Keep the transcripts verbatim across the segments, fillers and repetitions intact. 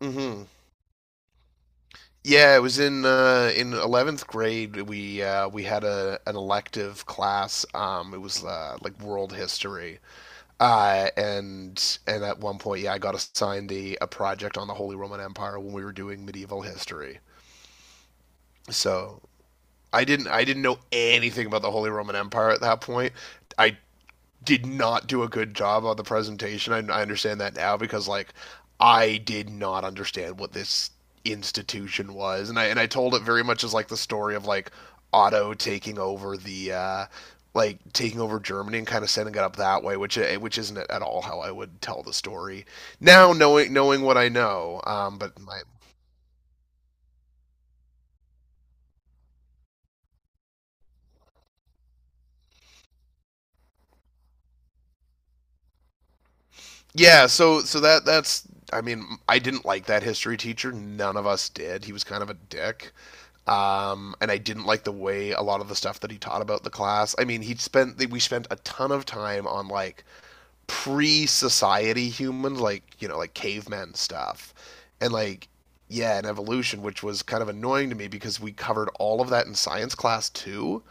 hmm Yeah, it was in uh, in eleventh grade. We uh, we had a an elective class. Um, it was uh, like world history. Uh, and and at one point, yeah, I got assigned a, a project on the Holy Roman Empire when we were doing medieval history. So I didn't I didn't know anything about the Holy Roman Empire at that point. I did not do a good job on the presentation. I, I understand that now because like I did not understand what this institution was, and I and I told it very much as like the story of like Otto taking over the uh, like taking over Germany and kind of setting it up that way, which eh, which isn't at all how I would tell the story now, knowing knowing what I know. Um, but my yeah, so so that that's I mean I didn't like that history teacher. None of us did. He was kind of a dick. Um, and I didn't like the way a lot of the stuff that he taught about the class. I mean, he spent we spent a ton of time on like pre-society humans, like you know, like cavemen stuff, and like yeah, and evolution, which was kind of annoying to me because we covered all of that in science class too.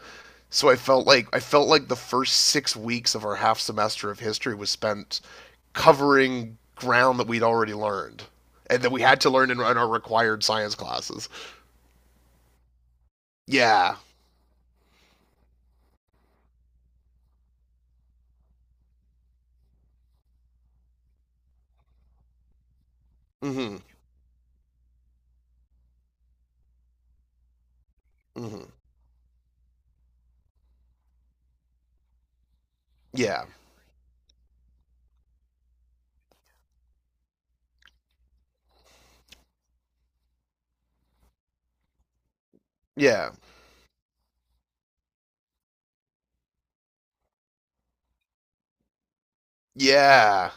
So I felt like I felt like the first six weeks of our half semester of history was spent covering ground that we'd already learned and that we had to learn in, in our required science classes. Yeah. Mm-hmm. Mm-hmm. Yeah. Yeah. Yeah.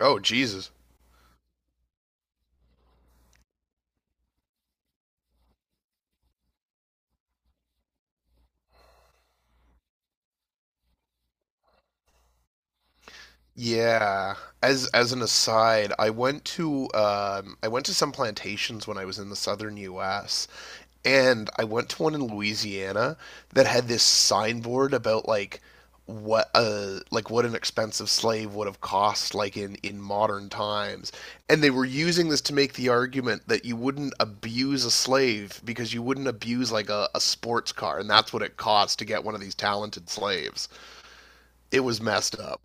Oh, Jesus. Yeah. As as an aside, I went to um I went to some plantations when I was in the southern U S. And I went to one in Louisiana that had this signboard about like what uh like what an expensive slave would have cost like in in modern times, and they were using this to make the argument that you wouldn't abuse a slave because you wouldn't abuse like a, a sports car, and that's what it costs to get one of these talented slaves. It was messed up.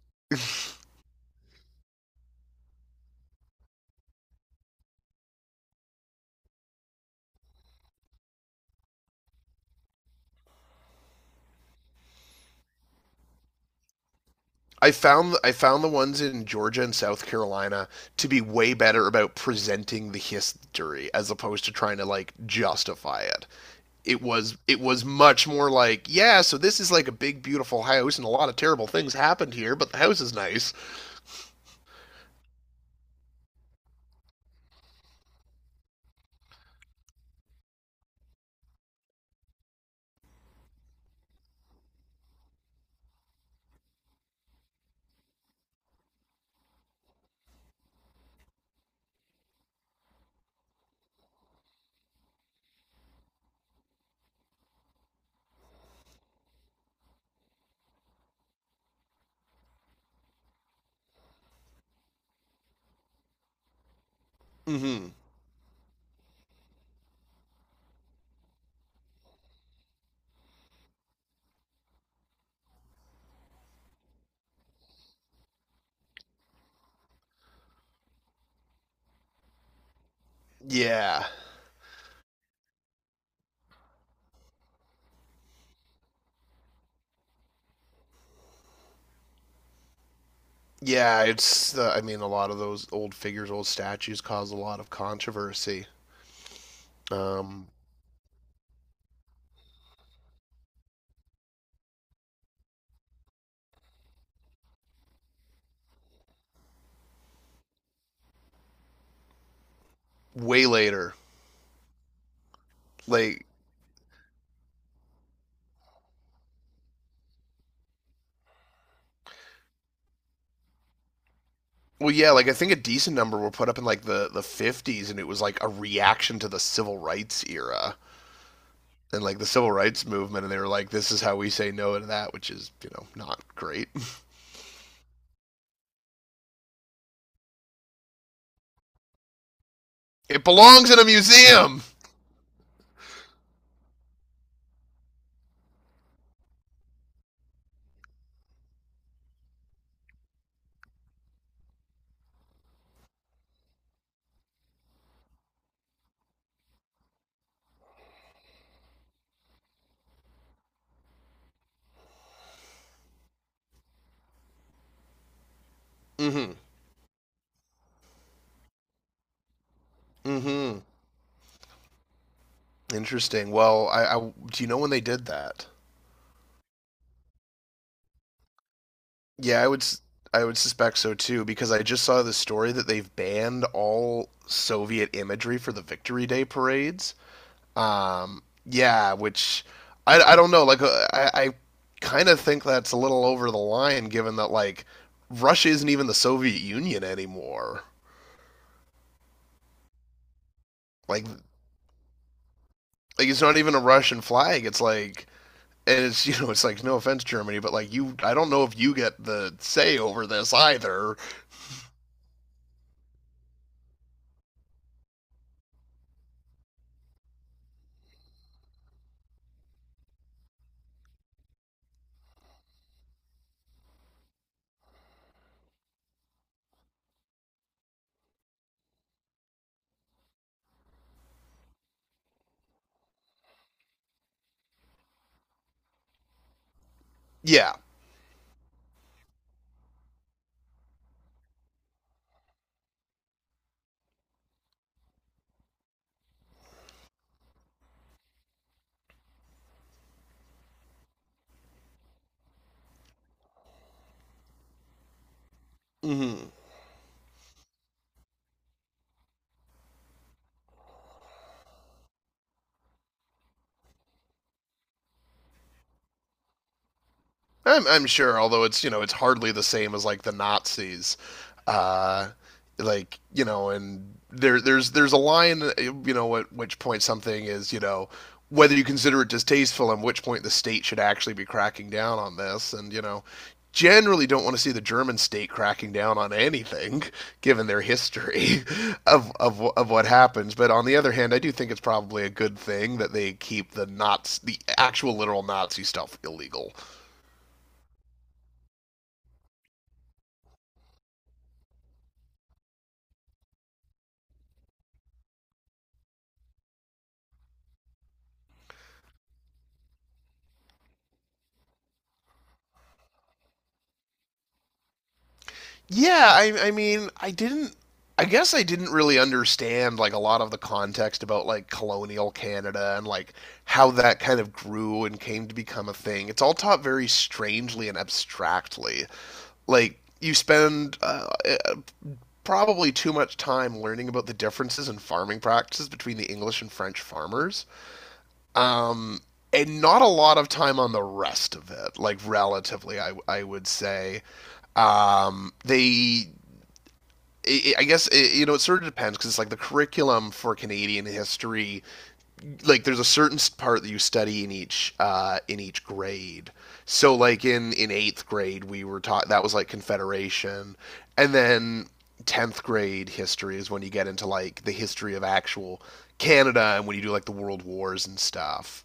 I found i found the ones in Georgia and South Carolina to be way better about presenting the history as opposed to trying to like justify it. It was it was much more like, yeah, so this is like a big beautiful house and a lot of terrible things happened here, but the house is nice. Mm-hmm. Yeah, yeah, it's uh, I mean, a lot of those old figures, old statues cause a lot of controversy. um Way later. Like, well, yeah, like I think a decent number were put up in like the the fifties and it was like a reaction to the civil rights era and like the civil rights movement, and they were like, this is how we say no to that, which is you know not great. It belongs in a museum. Mm-hmm. Mm-hmm. Interesting. Well, I, I do you know when they did that? Yeah, I would s- I would suspect so too because I just saw the story that they've banned all Soviet imagery for the Victory Day parades. Um, yeah, which I, I don't know. Like uh, I, I kind of think that's a little over the line, given that like Russia isn't even the Soviet Union anymore. Like like it's not even a Russian flag. It's like, and it's you know it's like no offense Germany, but like you, I don't know if you get the say over this either. Yeah. hmm I'm, I'm sure, although it's you know it's hardly the same as like the Nazis. uh, like you know, and there there's there's a line you know at which point something is you know whether you consider it distasteful, and which point the state should actually be cracking down on this, and you know generally don't want to see the German state cracking down on anything, given their history of, of of what happens. But on the other hand, I do think it's probably a good thing that they keep the Nazi, the actual literal Nazi stuff illegal. Yeah, I I mean, I didn't I guess I didn't really understand like a lot of the context about like colonial Canada and like how that kind of grew and came to become a thing. It's all taught very strangely and abstractly. Like you spend uh, uh, probably too much time learning about the differences in farming practices between the English and French farmers. Um, and not a lot of time on the rest of it, like relatively, I I would say. Um, they it, I guess it, you know it sort of depends because it's like the curriculum for Canadian history. Like there's a certain part that you study in each uh, in each grade. So like in in eighth grade we were taught that was like Confederation, and then tenth grade history is when you get into like the history of actual Canada and when you do like the World Wars and stuff.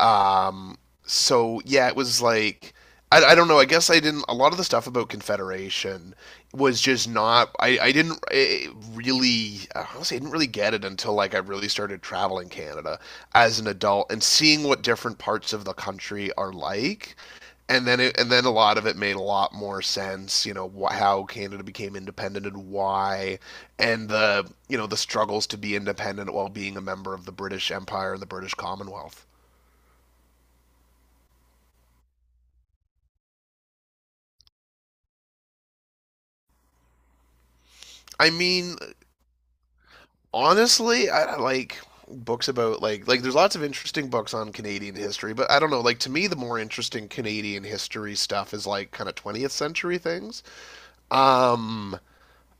Um, so yeah, it was like I, I don't know. I guess I didn't. A lot of the stuff about Confederation was just not. I I didn't eh, really. Honestly, I didn't really get it until like I really started traveling Canada as an adult and seeing what different parts of the country are like. And then it, and then a lot of it made a lot more sense. You know wh- how Canada became independent and why, and the you know the struggles to be independent while being a member of the British Empire and the British Commonwealth. I mean, honestly, I like books about like like there's lots of interesting books on Canadian history, but I don't know, like to me the more interesting Canadian history stuff is like kind of twentieth century things. Um,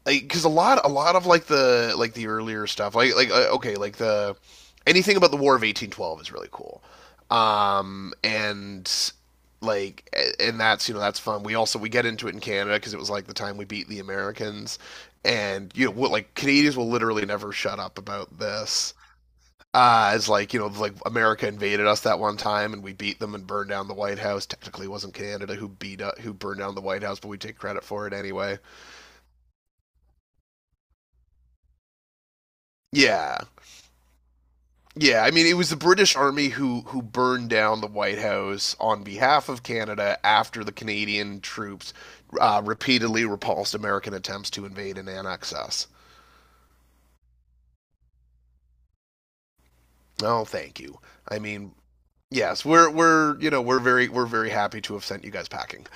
like because a lot a lot of like the like the earlier stuff like like uh, okay like the anything about the war of eighteen twelve is really cool. Um, and like, and that's you know that's fun. We also we get into it in Canada because it was like the time we beat the Americans, and you know what, like Canadians will literally never shut up about this. Uh, as like you know like America invaded us that one time and we beat them and burned down the White House. Technically it wasn't Canada who beat up who burned down the White House but we take credit for it anyway. Yeah. Yeah, I mean, it was the British Army who who burned down the White House on behalf of Canada after the Canadian troops uh, repeatedly repulsed American attempts to invade and annex us. Oh, thank you. I mean, yes, we're we're you know we're very we're very happy to have sent you guys packing.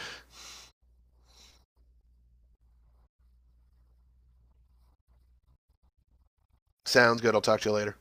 Sounds good. I'll talk to you later.